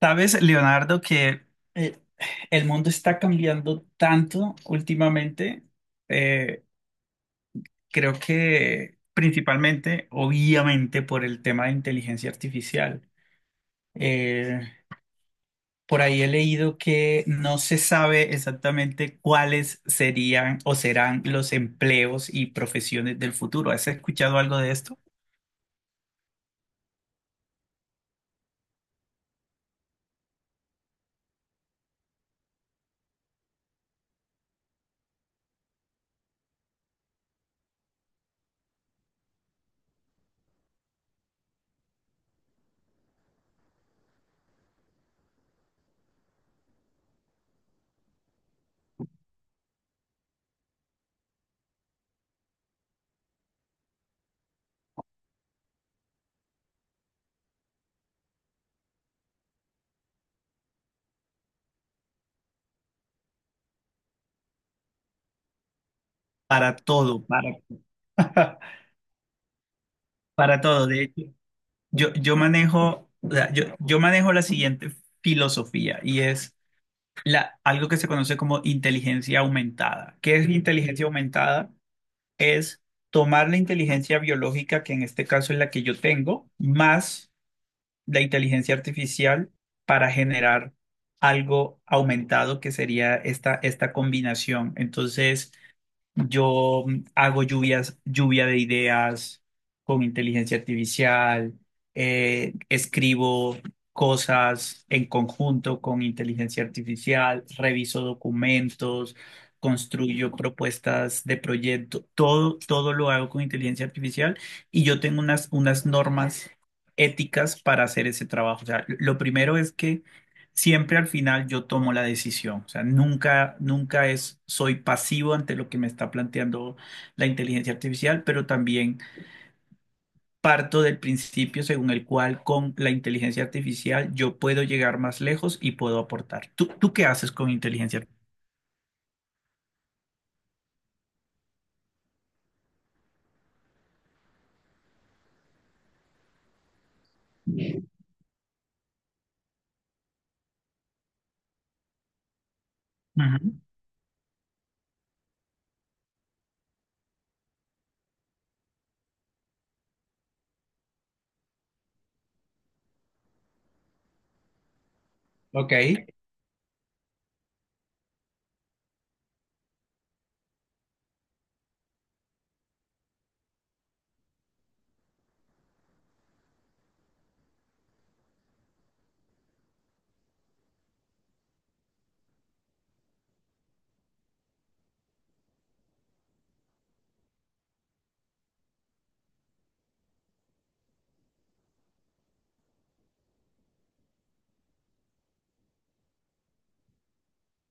Sabes, Leonardo, que eh, el mundo está cambiando tanto últimamente. eh, Creo que principalmente, obviamente, por el tema de inteligencia artificial. Eh, por ahí he leído que no se sabe exactamente cuáles serían o serán los empleos y profesiones del futuro. ¿Has escuchado algo de esto? Para todo, para, para todo. De hecho, yo manejo, o sea, yo manejo la siguiente filosofía y es la, algo que se conoce como inteligencia aumentada. ¿Qué es la inteligencia aumentada? Es tomar la inteligencia biológica, que en este caso es la que yo tengo, más la inteligencia artificial para generar algo aumentado que sería esta combinación. Entonces, yo hago lluvias, lluvia de ideas con inteligencia artificial, escribo cosas en conjunto con inteligencia artificial, reviso documentos, construyo propuestas de proyecto, todo lo hago con inteligencia artificial y yo tengo unas, unas normas éticas para hacer ese trabajo. O sea, lo primero es que siempre al final yo tomo la decisión. O sea, nunca, nunca es, soy pasivo ante lo que me está planteando la inteligencia artificial, pero también parto del principio según el cual con la inteligencia artificial yo puedo llegar más lejos y puedo aportar. ¿Tú qué haces con inteligencia artificial? Ujú. Ok.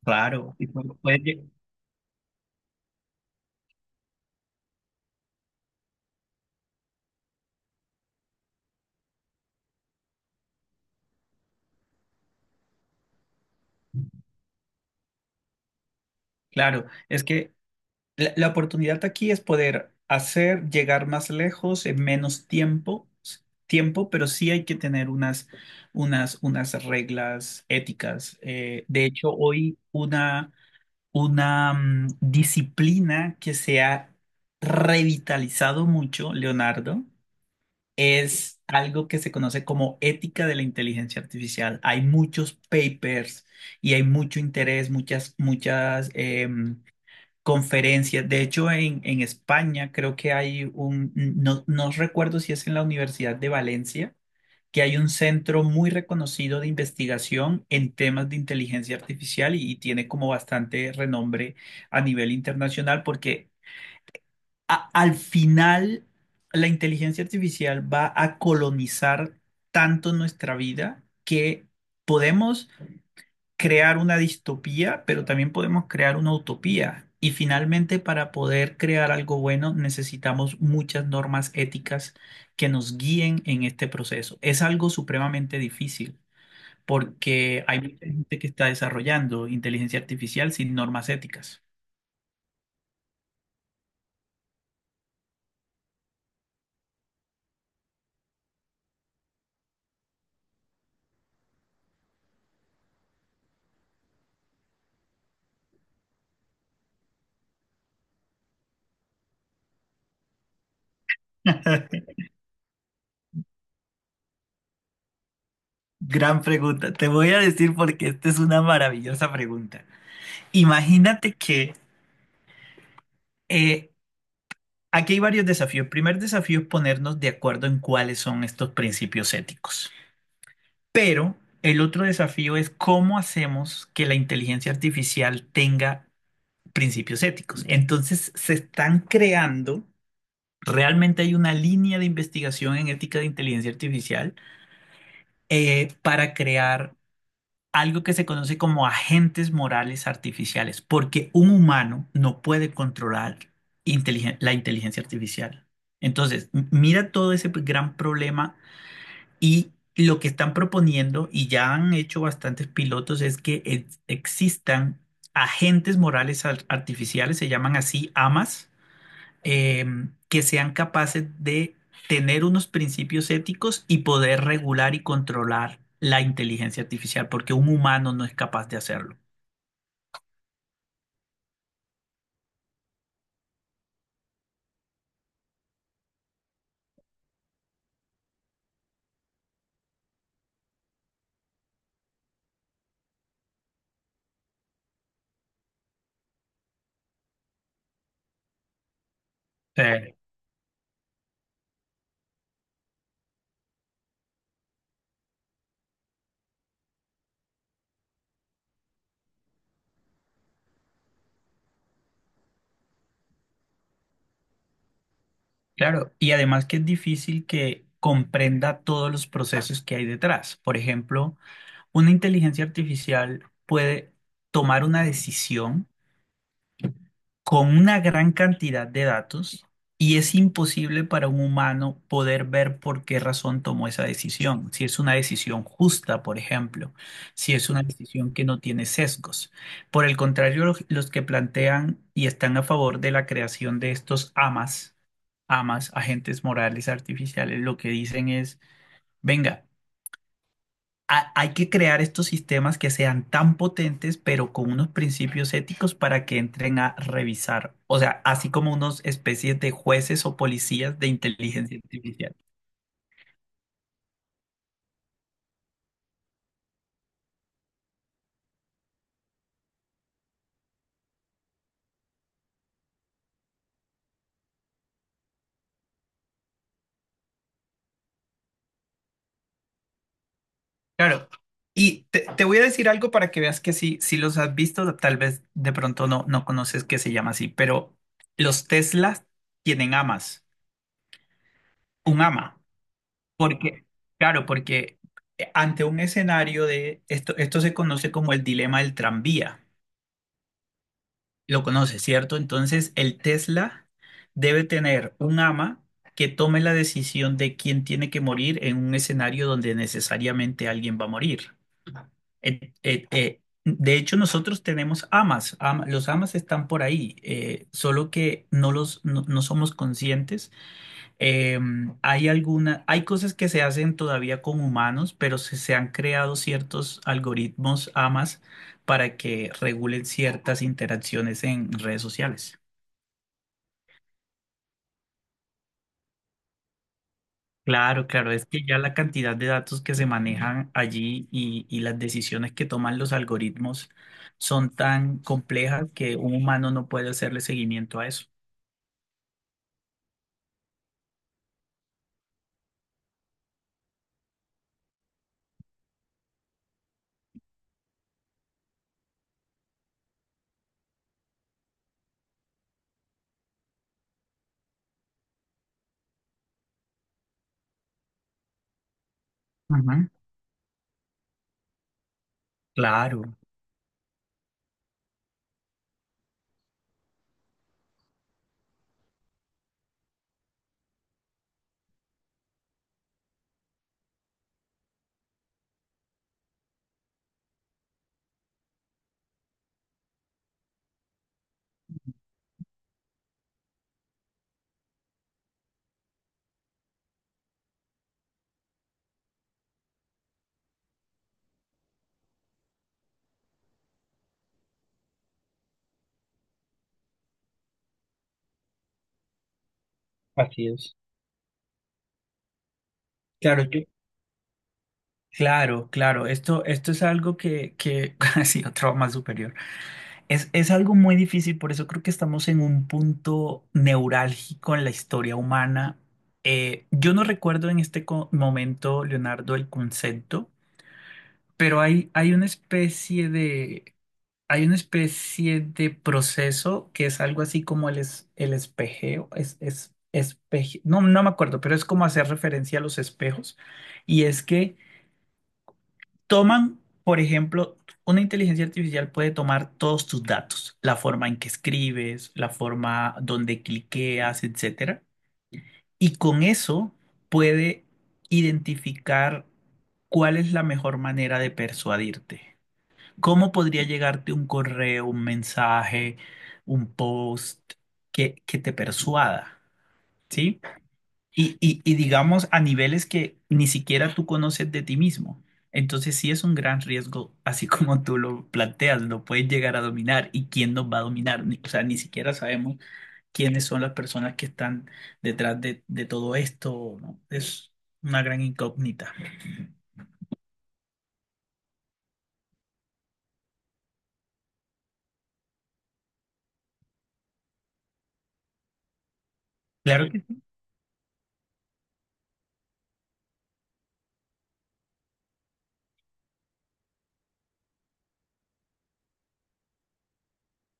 Claro, y claro, es que la oportunidad aquí es poder hacer llegar más lejos en menos tiempo, tiempo, pero sí hay que tener unas, unas, unas reglas éticas. De hecho, hoy una disciplina que se ha revitalizado mucho, Leonardo, es algo que se conoce como ética de la inteligencia artificial. Hay muchos papers y hay mucho interés, muchas, muchas... conferencias. De hecho, en España creo que hay un, no, no recuerdo si es en la Universidad de Valencia, que hay un centro muy reconocido de investigación en temas de inteligencia artificial y tiene como bastante renombre a nivel internacional porque al final la inteligencia artificial va a colonizar tanto nuestra vida que podemos crear una distopía, pero también podemos crear una utopía. Y finalmente, para poder crear algo bueno, necesitamos muchas normas éticas que nos guíen en este proceso. Es algo supremamente difícil porque hay mucha gente que está desarrollando inteligencia artificial sin normas éticas. Gran pregunta. Te voy a decir porque esta es una maravillosa pregunta. Imagínate que eh, aquí hay varios desafíos. El primer desafío es ponernos de acuerdo en cuáles son estos principios éticos. Pero el otro desafío es cómo hacemos que la inteligencia artificial tenga principios éticos. Entonces se están creando, realmente hay una línea de investigación en ética de inteligencia artificial para crear algo que se conoce como agentes morales artificiales, porque un humano no puede controlar la inteligencia artificial. Entonces, mira todo ese gran problema y lo que están proponiendo, y ya han hecho bastantes pilotos, es que existan agentes morales artificiales, se llaman así AMAs, eh, que sean capaces de tener unos principios éticos y poder regular y controlar la inteligencia artificial, porque un humano no es capaz de hacerlo. Eh, claro, y además que es difícil que comprenda todos los procesos que hay detrás. Por ejemplo, una inteligencia artificial puede tomar una decisión con una gran cantidad de datos y es imposible para un humano poder ver por qué razón tomó esa decisión. Si es una decisión justa, por ejemplo, si es una decisión que no tiene sesgos. Por el contrario, los que plantean y están a favor de la creación de estos AMAs, AMAs, agentes morales artificiales, lo que dicen es, venga, hay que crear estos sistemas que sean tan potentes, pero con unos principios éticos para que entren a revisar. O sea, así como unos especies de jueces o policías de inteligencia artificial. Claro. Y te voy a decir algo para que veas que sí, si los has visto, tal vez de pronto no, no conoces que se llama así, pero los Teslas tienen amas, un ama. Porque, claro, porque ante un escenario de esto, esto se conoce como el dilema del tranvía. Lo conoce, ¿cierto? Entonces, el Tesla debe tener un ama que tome la decisión de quién tiene que morir en un escenario donde necesariamente alguien va a morir. De hecho, nosotros tenemos amas, los amas están por ahí, solo que no los no somos conscientes eh, hay alguna, hay cosas que se hacen todavía con humanos, pero se han creado ciertos algoritmos AMAs para que regulen ciertas interacciones en redes sociales. Claro, claro, es que ya la cantidad de datos que se manejan allí y las decisiones que toman los algoritmos son tan complejas que un humano no puede hacerle seguimiento a eso. Ujú. Claro, así es. Claro, yo- claro, claro. Esto es algo que ha sido trauma superior. Es algo muy difícil, por eso creo que estamos en un punto neurálgico en la historia humana. Yo no recuerdo en este momento, Leonardo, el concepto, pero hay una especie de, hay una especie de proceso que es algo así como el, el espejeo, es, no, no me acuerdo, pero es como hacer referencia a los espejos. Y es que toman, por ejemplo, una inteligencia artificial puede tomar todos tus datos, la forma en que escribes, la forma donde cliqueas, etcétera, y con eso puede identificar cuál es la mejor manera de persuadirte. ¿Cómo podría llegarte un correo, un mensaje, un post que te persuada? ¿Sí? Y digamos a niveles que ni siquiera tú conoces de ti mismo. Entonces sí es un gran riesgo, así como tú lo planteas, lo puedes llegar a dominar y quién nos va a dominar. O sea, ni siquiera sabemos quiénes son las personas que están detrás de todo esto, ¿no? Es una gran incógnita. Claro que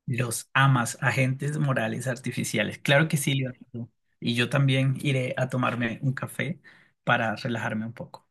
los amas, agentes morales artificiales. Claro que sí, Leonardo. Y yo también iré a tomarme un café para relajarme un poco.